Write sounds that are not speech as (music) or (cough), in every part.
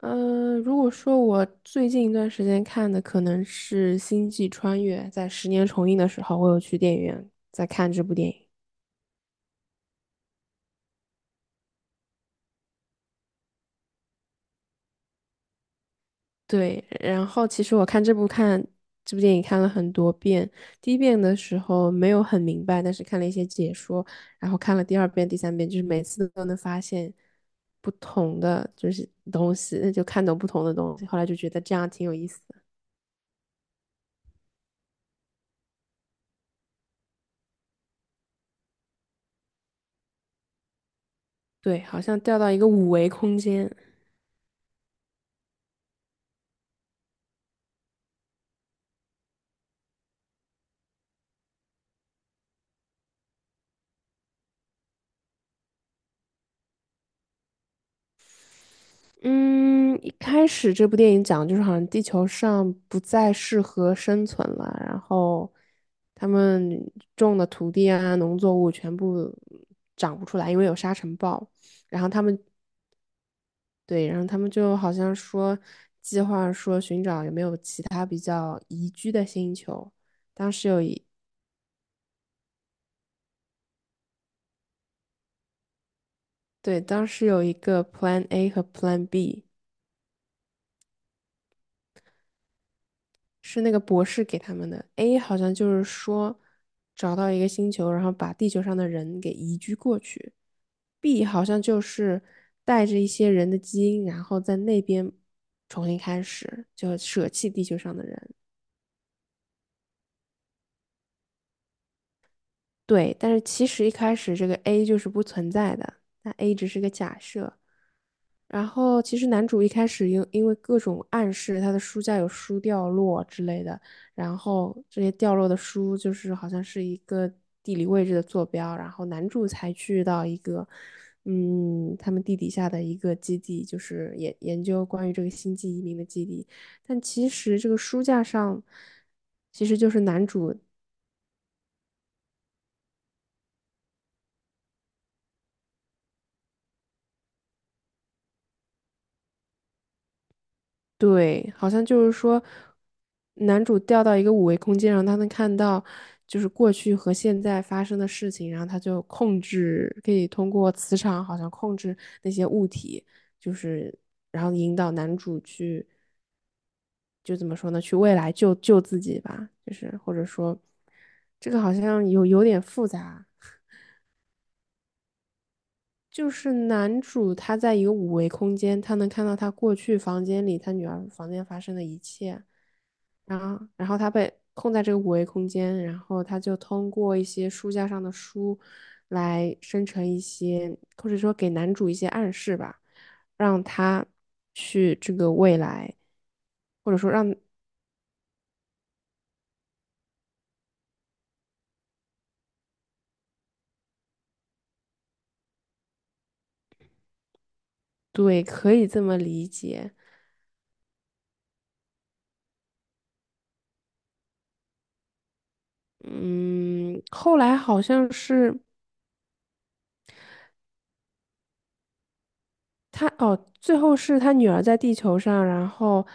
嗯，如果说我最近一段时间看的可能是《星际穿越》，在十年重映的时候，我有去电影院在看这部电影。对，然后其实我看这部看这部电影看了很多遍，第一遍的时候没有很明白，但是看了一些解说，然后看了第二遍、第三遍，就是每次都能发现不同的就是东西，那就看懂不同的东西，后来就觉得这样挺有意思的。对，好像掉到一个五维空间。嗯，一开始这部电影讲的就是好像地球上不再适合生存了，然后他们种的土地啊、农作物全部长不出来，因为有沙尘暴。然后他们对，然后他们就好像说计划说寻找有没有其他比较宜居的星球。当时有一对，当时有一个 Plan A 和 Plan B。是那个博士给他们的。A 好像就是说找到一个星球，然后把地球上的人给移居过去。B 好像就是带着一些人的基因，然后在那边重新开始，就舍弃地球上的人。对，但是其实一开始这个 A 就是不存在的，那 A 只是个假设。然后其实男主一开始因为各种暗示，他的书架有书掉落之类的，然后这些掉落的书就是好像是一个地理位置的坐标，然后男主才去到一个，嗯，他们地底下的一个基地，就是研究关于这个星际移民的基地，但其实这个书架上其实就是男主对，好像就是说，男主掉到一个五维空间，然后他能看到就是过去和现在发生的事情，然后他就控制，可以通过磁场好像控制那些物体，就是然后引导男主去，就怎么说呢，去未来救救自己吧，就是或者说，这个好像有点复杂。就是男主他在一个五维空间，他能看到他过去房间里他女儿房间发生的一切，然后他被困在这个五维空间，然后他就通过一些书架上的书来生成一些，或者说给男主一些暗示吧，让他去这个未来，或者说让，对，可以这么理解。嗯，后来好像是。他哦，最后是他女儿在地球上，然后，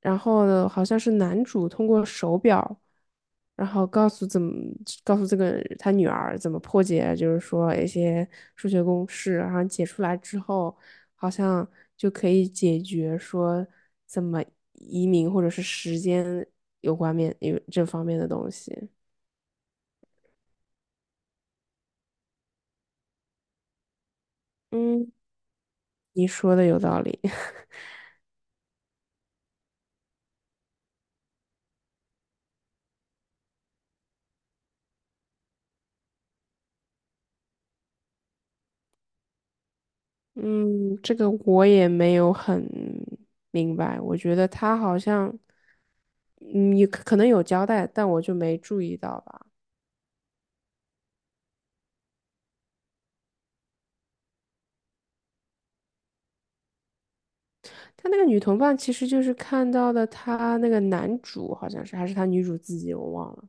然后呢，好像是男主通过手表，然后告诉怎么告诉这个他女儿怎么破解，就是说一些数学公式，然后解出来之后，好像就可以解决说怎么移民或者是时间有关面有这方面的东西。嗯，你说的有道理。嗯，这个我也没有很明白。我觉得他好像，嗯，也可能有交代，但我就没注意到吧。他那个女同伴其实就是看到的，他那个男主，好像是还是他女主自己，我忘了。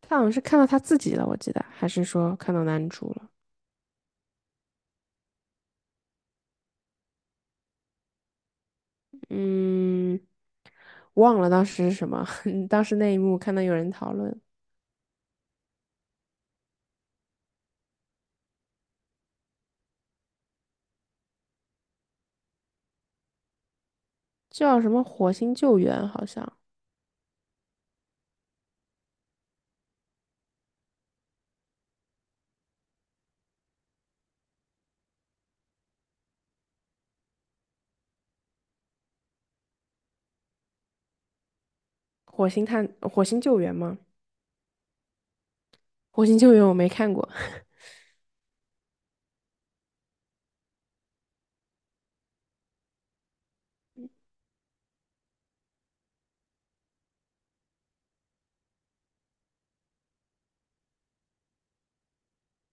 他好像是看到他自己了，我记得，还是说看到男主了？嗯，忘了当时是什么。(laughs) 当时那一幕看到有人讨论，叫什么火星救援，好像火星救援吗？火星救援我没看过。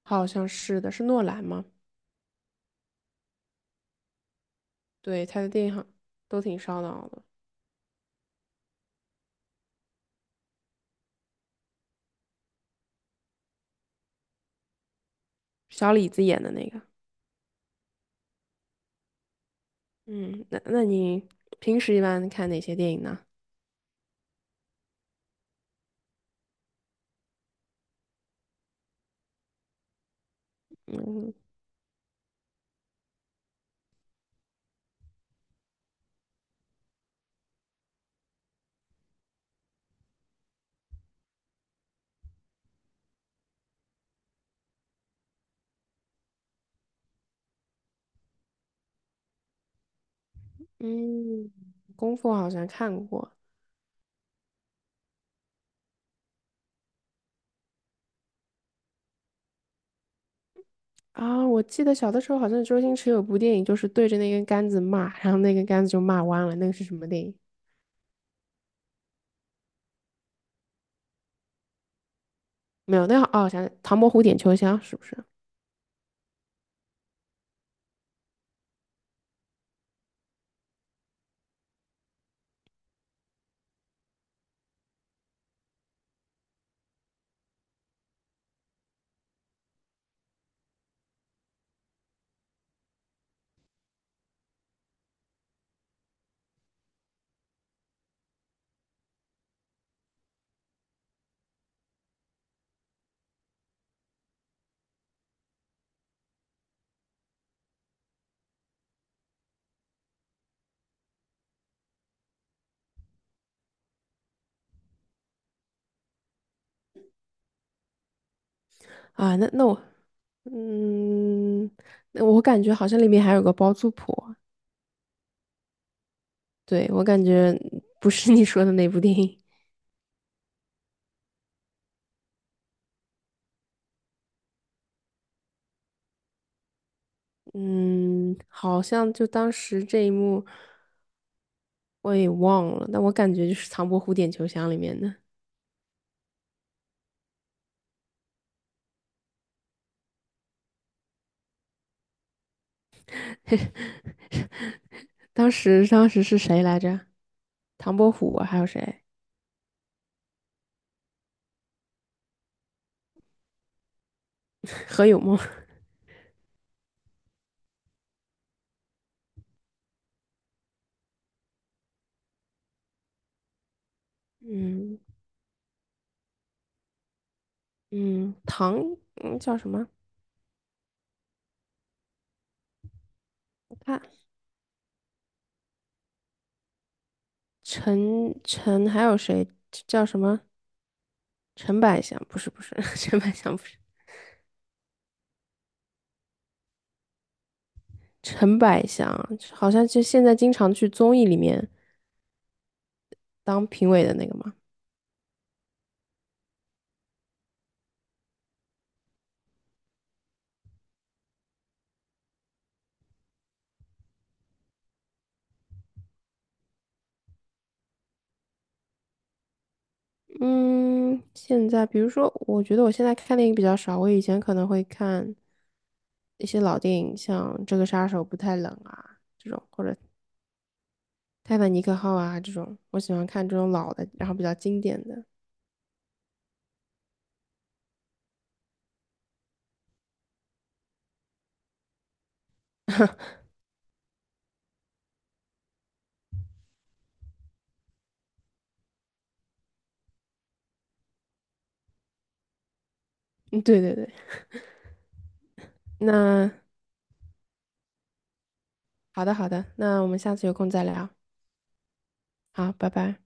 好像是的，是诺兰吗？对，他的电影都挺烧脑的，小李子演的那个。嗯，那你平时一般看哪些电影呢？嗯嗯，功夫好像看过啊，我记得小的时候好像周星驰有部电影，就是对着那根杆子骂，然后那根杆子就骂弯了。那个是什么电影？没有，那个哦，我想起《唐伯虎点秋香》是不是啊？那那我嗯，那我感觉好像里面还有个包租婆，对，我感觉不是你说的那部电影。嗯，好像就当时这一幕我也忘了，但我感觉就是唐伯虎点秋香里面的。当时是谁来着？唐伯虎啊还有谁？(laughs) 何有梦？嗯嗯，唐嗯叫什么？我看陈还有谁叫什么？陈百祥不是 (laughs) 陈百祥不是陈百祥，好像就现在经常去综艺里面当评委的那个嘛。嗯，现在比如说，我觉得我现在看电影比较少，我以前可能会看一些老电影，像《这个杀手不太冷》啊这种，《泰坦尼克号》啊这种，我喜欢看这种老的，然后比较经典的。嗯，对对对。那好的好的，那我们下次有空再聊。好，拜拜。